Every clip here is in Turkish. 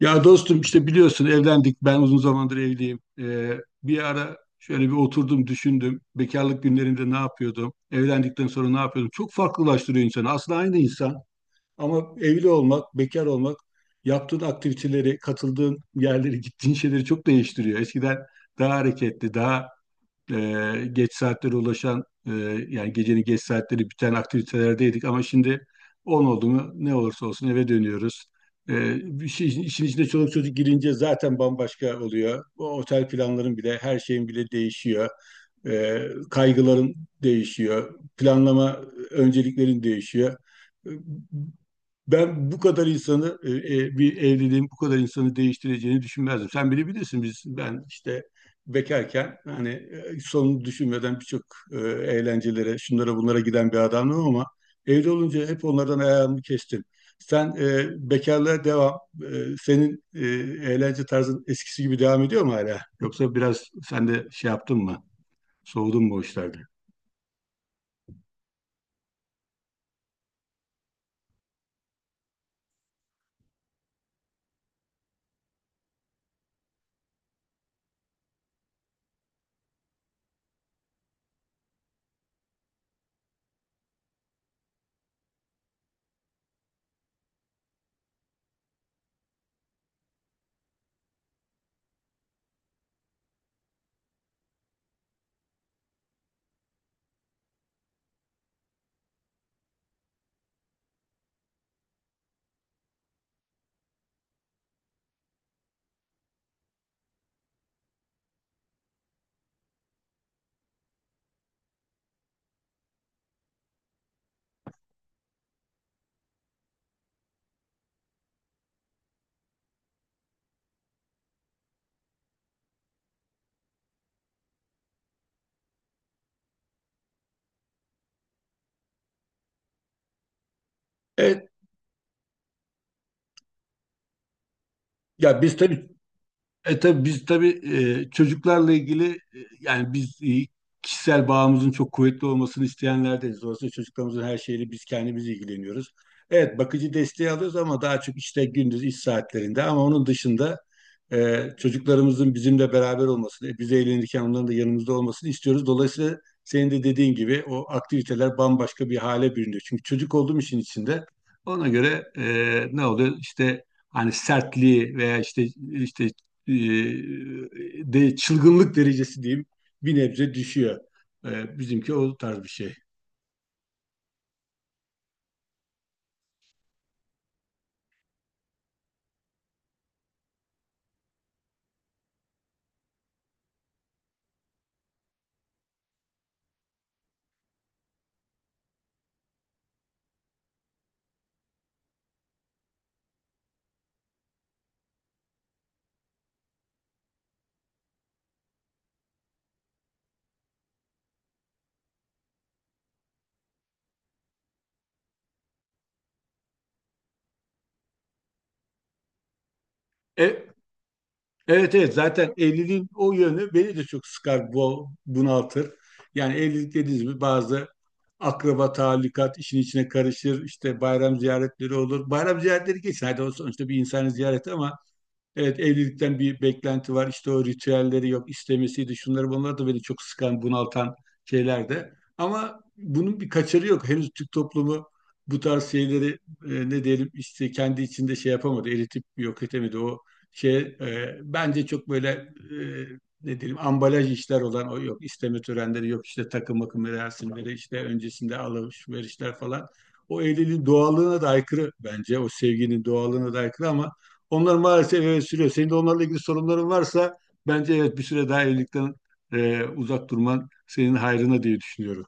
Ya dostum işte biliyorsun evlendik. Ben uzun zamandır evliyim. Bir ara şöyle bir oturdum düşündüm. Bekarlık günlerinde ne yapıyordum? Evlendikten sonra ne yapıyordum? Çok farklılaştırıyor insanı. Aslında aynı insan ama evli olmak, bekar olmak, yaptığın aktiviteleri, katıldığın yerleri, gittiğin şeyleri çok değiştiriyor. Eskiden daha hareketli, daha geç saatlere ulaşan, yani gecenin geç saatleri biten aktivitelerdeydik ama şimdi 10 oldu mu ne olursa olsun eve dönüyoruz. E, Bir şey, işin içine çoluk çocuk girince zaten bambaşka oluyor. O otel planların bile, her şeyin bile değişiyor. E, Kaygıların değişiyor. Planlama önceliklerin değişiyor. E, Ben bu kadar insanı, bir evliliğin bu kadar insanı değiştireceğini düşünmezdim. Sen bilebilirsin, ben işte bekarken, hani, sonunu düşünmeden birçok eğlencelere, şunlara bunlara giden bir adamım ama evli olunca hep onlardan ayağımı kestim. Sen, bekarlığa devam. Senin, eğlence tarzın eskisi gibi devam ediyor mu hala? Yoksa biraz sen de şey yaptın mı? Soğudun mu o işlerde? Evet. Ya biz tabii, çocuklarla ilgili, yani biz, kişisel bağımızın çok kuvvetli olmasını isteyenlerdeniz. Dolayısıyla çocuklarımızın her şeyiyle biz kendimiz ilgileniyoruz. Evet, bakıcı desteği alıyoruz ama daha çok işte gündüz iş saatlerinde, ama onun dışında çocuklarımızın bizimle beraber olmasını, biz eğlenirken onların da yanımızda olmasını istiyoruz. Dolayısıyla senin de dediğin gibi o aktiviteler bambaşka bir hale bürünüyor. Çünkü çocuk olduğum işin içinde ona göre, ne oluyor? İşte hani sertliği veya işte e, de çılgınlık derecesi diyeyim, bir nebze düşüyor. Bizimki o tarz bir şey. E, evet, evet, zaten evliliğin o yönü beni de çok sıkar, bunaltır. Yani evlilik, dediğiniz gibi bazı akraba talikat işin içine karışır. İşte bayram ziyaretleri olur. Bayram ziyaretleri geçsin. Hadi o sonuçta bir insanı ziyaret ama evet, evlilikten bir beklenti var. İşte o ritüelleri yok istemesiydi. Şunları bunlar da beni çok sıkan, bunaltan şeyler de. Ama bunun bir kaçarı yok. Henüz Türk toplumu bu tarz şeyleri ne diyelim işte kendi içinde şey yapamadı. Eritip yok etemedi. O şey, bence çok böyle, e, ne diyelim, ambalaj işler olan o yok isteme törenleri, yok işte takım makım merasimleri, işte öncesinde alışverişler falan. O evliliğin doğallığına da aykırı bence. O sevginin doğallığına da aykırı ama onlar maalesef, evet, sürüyor. Senin de onlarla ilgili sorunların varsa bence, evet, bir süre daha evlilikten uzak durman senin hayrına diye düşünüyorum.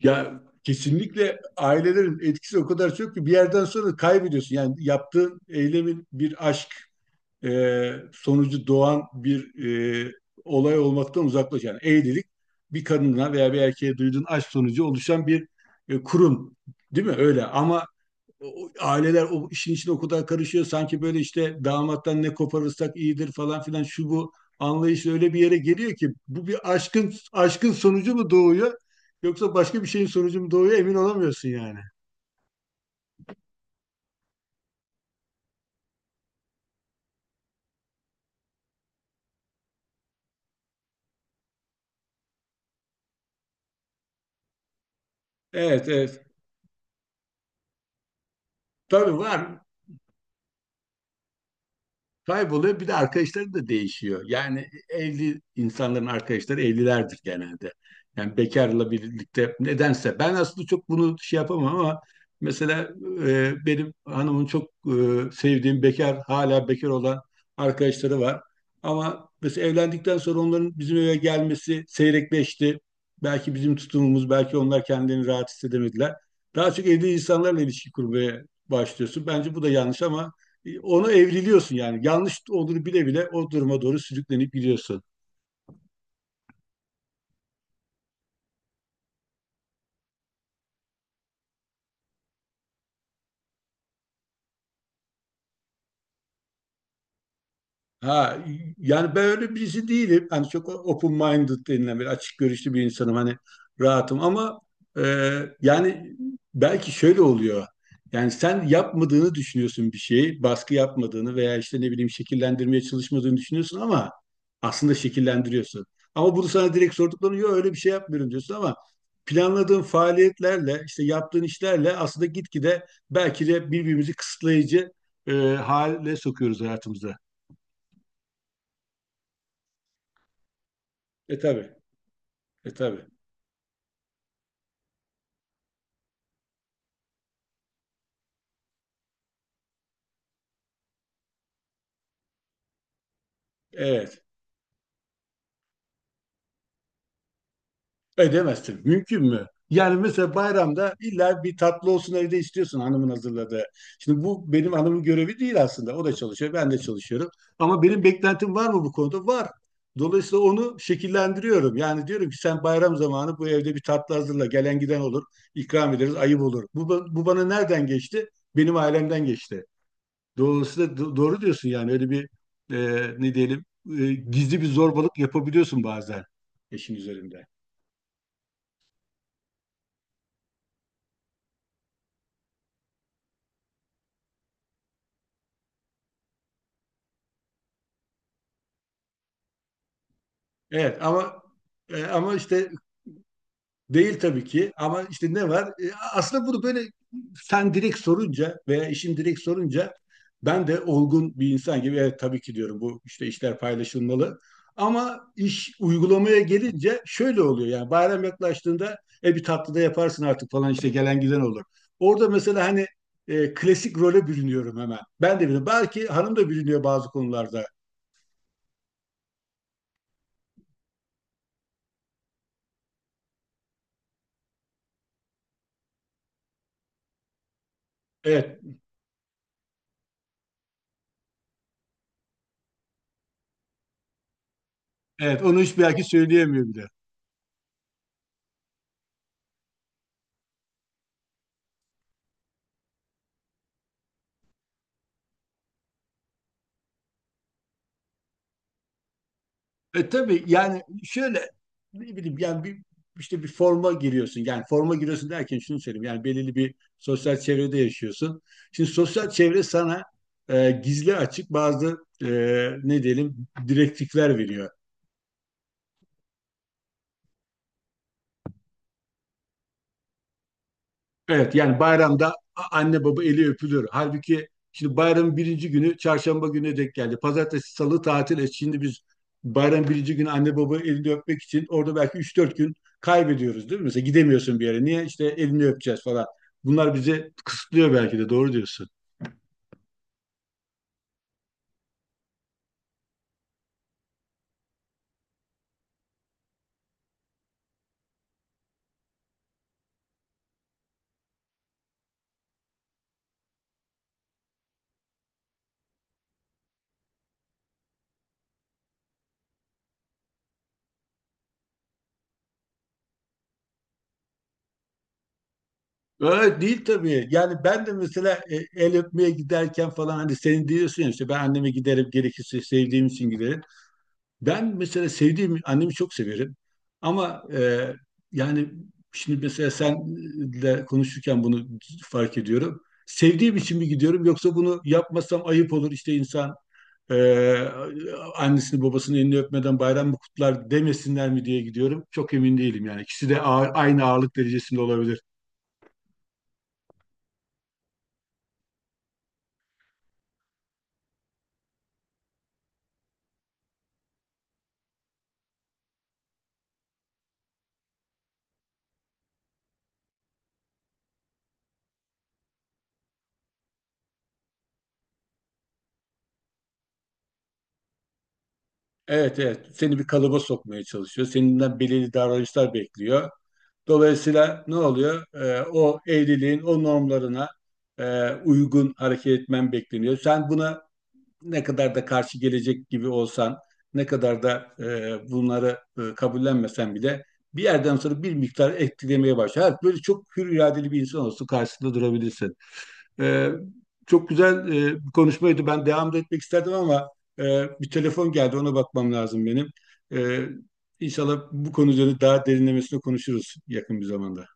Ya kesinlikle ailelerin etkisi o kadar çok ki bir yerden sonra kaybediyorsun. Yani yaptığın eylemin bir aşk e, sonucu doğan bir e, olay olmaktan uzaklaş. Yani evlilik bir kadına veya bir erkeğe duyduğun aşk sonucu oluşan bir kurum, değil mi? Öyle, ama aileler o işin içine o kadar karışıyor, sanki böyle işte damattan ne koparırsak iyidir falan filan şu bu anlayış öyle bir yere geliyor ki, bu bir aşkın sonucu mu doğuyor, yoksa başka bir şeyin sonucu mu doğuyor, emin olamıyorsun yani. Evet, evet. Tabii var. Kayboluyor. Bir de arkadaşları da değişiyor. Yani evli insanların arkadaşları evlilerdir genelde. Yani bekarla birlikte nedense. Ben aslında çok bunu şey yapamam ama mesela benim hanımın çok, sevdiğim bekar, hala bekar olan arkadaşları var. Ama mesela evlendikten sonra onların bizim eve gelmesi seyrekleşti. Belki bizim tutumumuz, belki onlar kendilerini rahat hissedemediler. Daha çok evli insanlarla ilişki kurmaya başlıyorsun. Bence bu da yanlış ama onu evriliyorsun yani. Yanlış olduğunu bile bile o duruma doğru sürüklenip gidiyorsun. Ha, yani ben öyle birisi değilim. Hani çok open-minded denilen, bir açık görüşlü bir insanım. Hani rahatım ama, e, yani belki şöyle oluyor. Yani sen yapmadığını düşünüyorsun bir şeyi, baskı yapmadığını veya işte ne bileyim şekillendirmeye çalışmadığını düşünüyorsun ama aslında şekillendiriyorsun. Ama bunu sana direkt sorduklarını yok, öyle bir şey yapmıyorum diyorsun ama planladığın faaliyetlerle, işte yaptığın işlerle aslında gitgide belki de birbirimizi kısıtlayıcı hale sokuyoruz hayatımıza. Tabii. Tabii. Evet. Edemezsin. Mümkün mü? Yani mesela bayramda illa bir tatlı olsun evde istiyorsun, hanımın hazırladığı. Şimdi bu benim hanımın görevi değil aslında. O da çalışıyor, ben de çalışıyorum. Ama benim beklentim var mı bu konuda? Var. Dolayısıyla onu şekillendiriyorum. Yani diyorum ki sen bayram zamanı bu evde bir tatlı hazırla. Gelen giden olur. İkram ederiz. Ayıp olur. Bu bana nereden geçti? Benim ailemden geçti. Dolayısıyla doğru diyorsun yani, öyle bir, e, ne diyelim, gizli bir zorbalık yapabiliyorsun bazen eşin üzerinde. Evet ama, ama işte, değil tabii ki ama işte ne var? Aslında bunu böyle sen direkt sorunca veya işin direkt sorunca ben de olgun bir insan gibi evet tabii ki diyorum, bu işte işler paylaşılmalı. Ama iş uygulamaya gelince şöyle oluyor yani, bayram yaklaştığında bir tatlı da yaparsın artık falan, işte gelen giden olur. Orada mesela, hani, klasik role bürünüyorum hemen. Ben de biliyorum. Belki hanım da bürünüyor bazı konularda. Evet, evet, onu hiç belki söyleyemiyor bile. Tabii yani, şöyle, ne bileyim yani, bir, işte bir forma giriyorsun. Yani forma giriyorsun derken şunu söyleyeyim. Yani belirli bir sosyal çevrede yaşıyorsun. Şimdi sosyal çevre sana gizli açık bazı, e, ne diyelim, direktifler veriyor. Evet yani bayramda anne baba eli öpülür. Halbuki şimdi bayramın birinci günü çarşamba gününe denk geldi. Pazartesi, salı tatil. Şimdi biz bayramın birinci günü anne baba elini öpmek için orada belki 3-4 gün kaybediyoruz, değil mi? Mesela gidemiyorsun bir yere. Niye? İşte elini öpeceğiz falan. Bunlar bizi kısıtlıyor, belki de doğru diyorsun. Öyle değil tabii. Yani ben de mesela el öpmeye giderken falan, hani senin diyorsun ya işte ben anneme giderim gerekirse, sevdiğim için giderim. Ben mesela sevdiğim annemi çok severim ama, yani şimdi mesela senle konuşurken bunu fark ediyorum. Sevdiğim için mi gidiyorum, yoksa bunu yapmasam ayıp olur işte, insan e, annesini babasını elini öpmeden bayram mı kutlar, demesinler mi diye gidiyorum. Çok emin değilim yani, ikisi de aynı ağırlık derecesinde olabilir. Evet, evet, seni bir kalıba sokmaya çalışıyor. Seninden belirli davranışlar bekliyor. Dolayısıyla ne oluyor? O evliliğin o normlarına uygun hareket etmen bekleniyor. Sen buna ne kadar da karşı gelecek gibi olsan, ne kadar da bunları kabullenmesen bile, bir yerden sonra bir miktar etkilemeye başlar. Evet, böyle çok hür iradeli bir insan olsun, karşısında durabilirsin. Ee, Çok güzel, bir konuşmaydı. Ben devam da etmek isterdim ama bir telefon geldi. Ona bakmam lazım benim. Ee, İnşallah bu konu üzerine daha derinlemesine konuşuruz yakın bir zamanda.